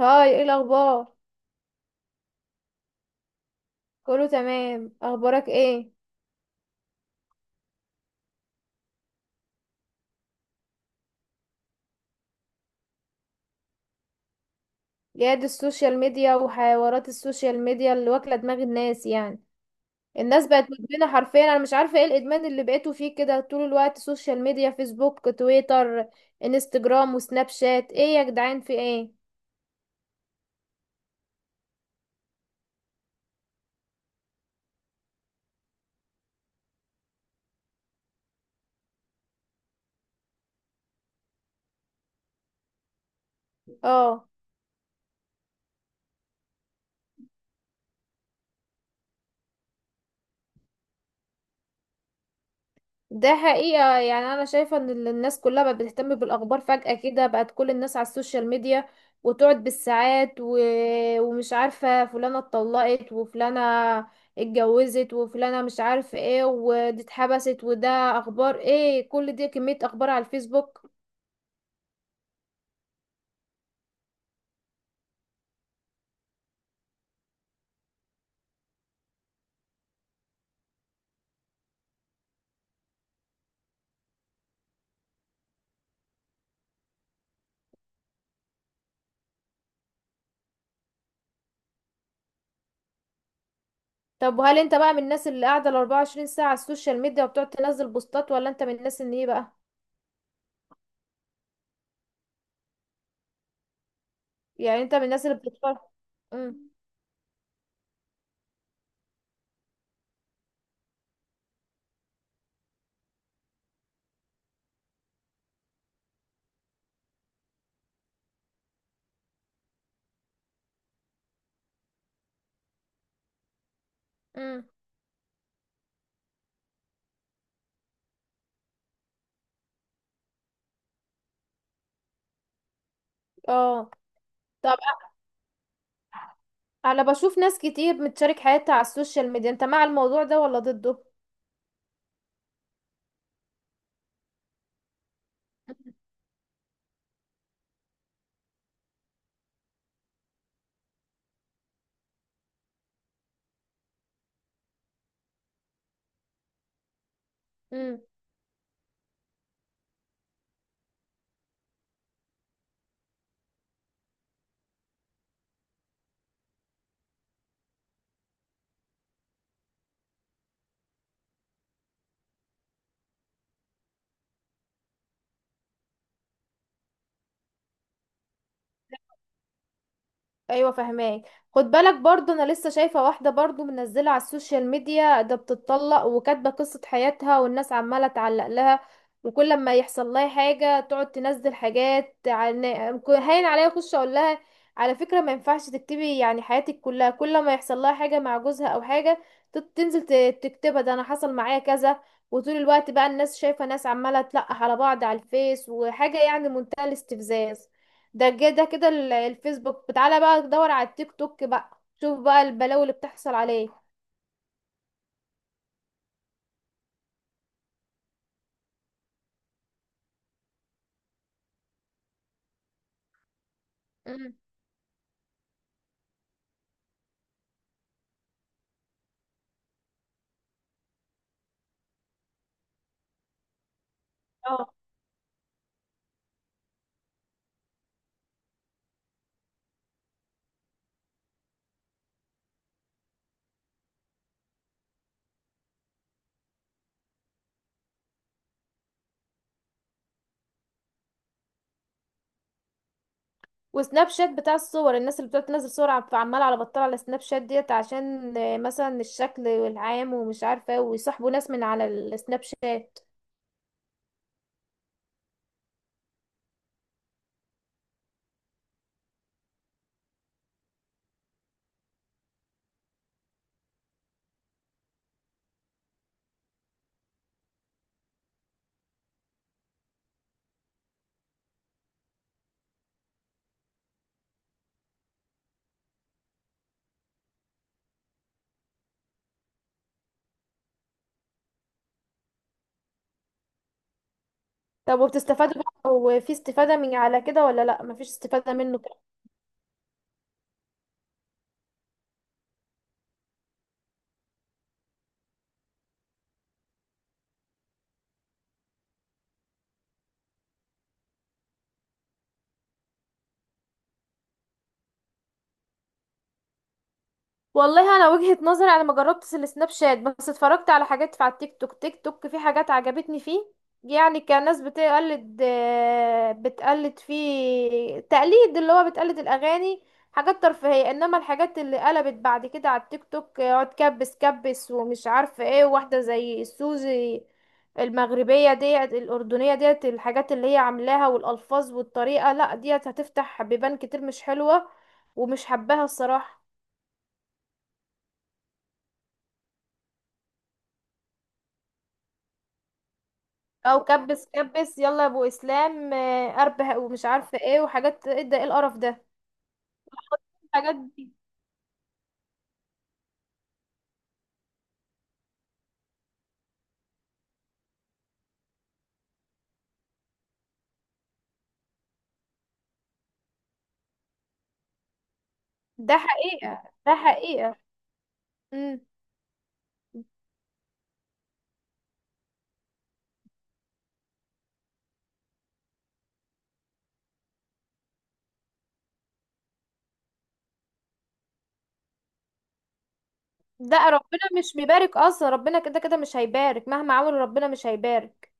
هاي، ايه الاخبار؟ كله تمام. اخبارك ايه؟ يا دي السوشيال ميديا وحوارات السوشيال ميديا اللي واكله دماغ الناس يعني. الناس بقت مدمنه حرفيا. انا مش عارفه ايه الادمان اللي بقيتوا فيه كده، طول الوقت سوشيال ميديا، فيسبوك، تويتر، انستجرام، وسناب شات. ايه يا جدعان، في ايه؟ اه. ده حقيقة، يعني أنا شايفة إن الناس كلها بقت بتهتم بالأخبار فجأة كده، بقت كل الناس على السوشيال ميديا وتقعد بالساعات ومش عارفة فلانة اتطلقت وفلانة اتجوزت وفلانة مش عارف ايه، ودي اتحبست وده، أخبار ايه كل دي؟ كمية أخبار على الفيسبوك. طب وهل انت بقى من الناس اللي قاعدة 24 ساعة على السوشيال ميديا وبتقعد تنزل بوستات، ولا انت من الناس اللي ايه بقى؟ يعني انت من الناس اللي بتتفرج. امم. امم. اه. انا بشوف ناس كتير بتشارك حياتها على السوشيال ميديا، انت مع الموضوع ده ولا ضده؟ امم. ايوه، فهماك. خد بالك برضو، انا لسه شايفه واحده برضو منزله على السوشيال ميديا، ده بتتطلق وكاتبه قصه حياتها والناس عماله تعلق لها، وكل ما يحصل لها حاجه تقعد تنزل حاجات عن. هين عليا اخش اقول لها على فكره ما ينفعش تكتبي يعني حياتك كلها. كل ما يحصل لها حاجه مع جوزها او حاجه تنزل تكتبها، ده انا حصل معايا كذا. وطول الوقت بقى الناس شايفه ناس عماله تلقح على بعض على الفيس، وحاجه يعني منتهى الاستفزاز. ده كده ده كده الفيسبوك، تعالى بقى دور على التيك توك بقى، شوف بقى البلاوي اللي بتحصل عليه. مم. اه. وسناب شات بتاع الصور، الناس اللي بتقعد تنزل صور عماله على بطال على سناب شات ديت، عشان مثلا الشكل والعام ومش عارفه إيه، ويصاحبوا ناس من على السناب شات. طب وبتستفادوا بقى؟ وفي استفاده من على كده ولا لا، مفيش استفاده منه؟ والله، انا وجهة نظري انا ما جربتش السناب شات، بس اتفرجت على حاجات في على التيك توك. تيك توك في حاجات عجبتني فيه، يعني كان ناس بتقلد، بتقلد فيه تقليد اللي هو بتقلد الاغاني، حاجات ترفيهية. انما الحاجات اللي قلبت بعد كده على التيك توك، اقعد كبس كبس ومش عارفة ايه، واحدة زي سوزي المغربية ديت، الأردنية ديت، الحاجات اللي هي عاملاها والألفاظ والطريقة، لا ديت هتفتح بيبان كتير مش حلوة، ومش حباها الصراحة. او كبس كبس، يلا يا ابو اسلام، اربح ومش عارفه ايه، وحاجات ايه ده؟ ايه القرف ده؟ الحاجات دي. ده حقيقه، ده حقيقه. امم. ده ربنا مش بيبارك اصلا، ربنا كده كده مش هيبارك مهما عملوا، ربنا مش هيبارك.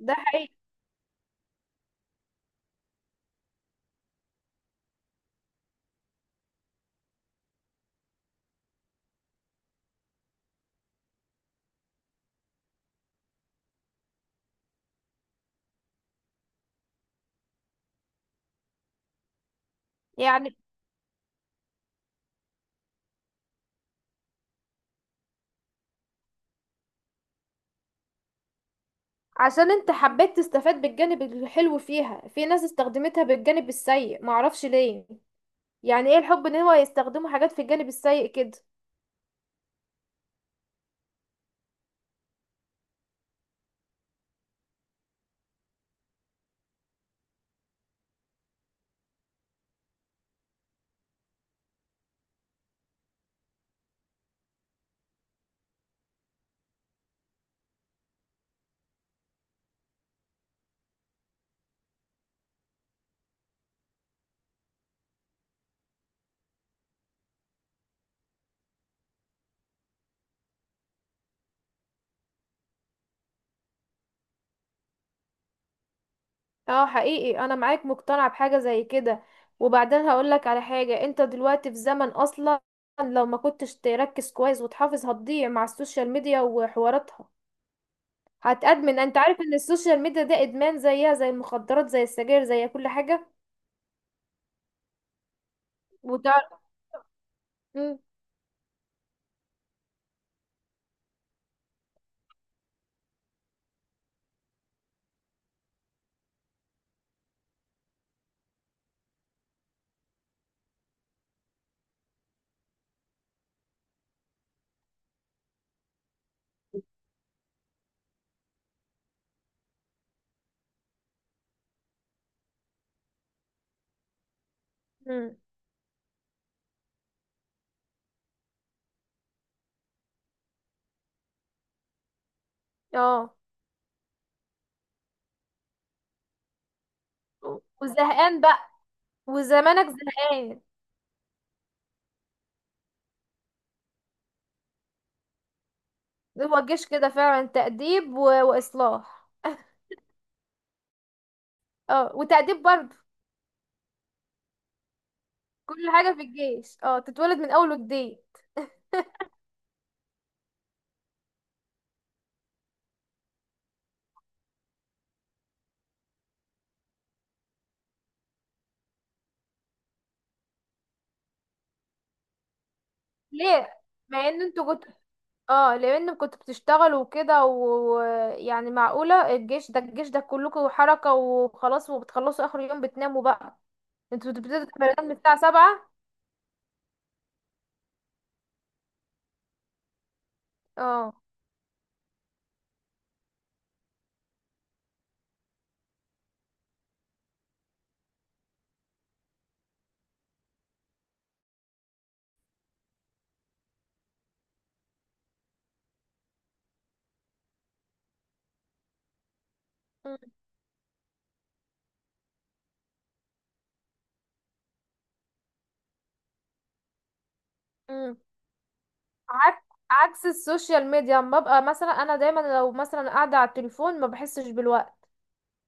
ده حقيقي. يعني عشان انت حبيت تستفاد بالجانب الحلو فيها، في ناس استخدمتها بالجانب السيء، معرفش ليه. يعني ايه الحب ان هو يستخدموا حاجات في الجانب السيء كده؟ اه، حقيقي انا معاك، مقتنعة بحاجة زي كده. وبعدين هقولك على حاجة، انت دلوقتي في زمن اصلا لو ما كنتش تركز كويس وتحافظ هتضيع مع السوشيال ميديا وحواراتها. هتأدمن، انت عارف ان السوشيال ميديا ده ادمان، زيها زي المخدرات، زي السجاير، زي كل حاجة. وتعرف. مم. مم. اه. وزهقان بقى؟ وزمانك زهقان. هو الجيش كده فعلا تأديب واصلاح. اه، وتأديب برضه. كل حاجة في الجيش اه، تتولد من اول وجديد. ليه؟ مع ان انتوا كنت، اه لان كنتوا بتشتغلوا وكده، ويعني معقولة الجيش ده؟ الجيش ده كلكم حركة وخلاص، وبتخلصوا اخر يوم بتناموا بقى. انتوا بتبتدوا التمرين من الساعة 7؟ اه. أم. أم. عك- عكس السوشيال ميديا، اما ببقى مثلا انا دايما لو مثلا قاعدة على التليفون ما بحسش بالوقت،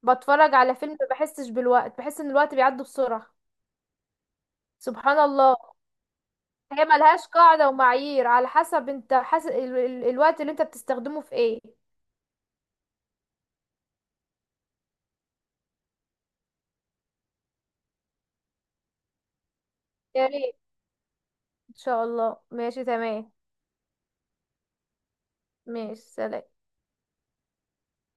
بتفرج على فيلم ما بحسش بالوقت، بحس ان الوقت بيعدي بسرعة. سبحان الله. هي ملهاش قاعدة ومعايير، على حسب انت حاسس الوقت اللي انت بتستخدمه في ايه. يا ريت. ان شاء الله. ماشي تمام. ماشي، سلام.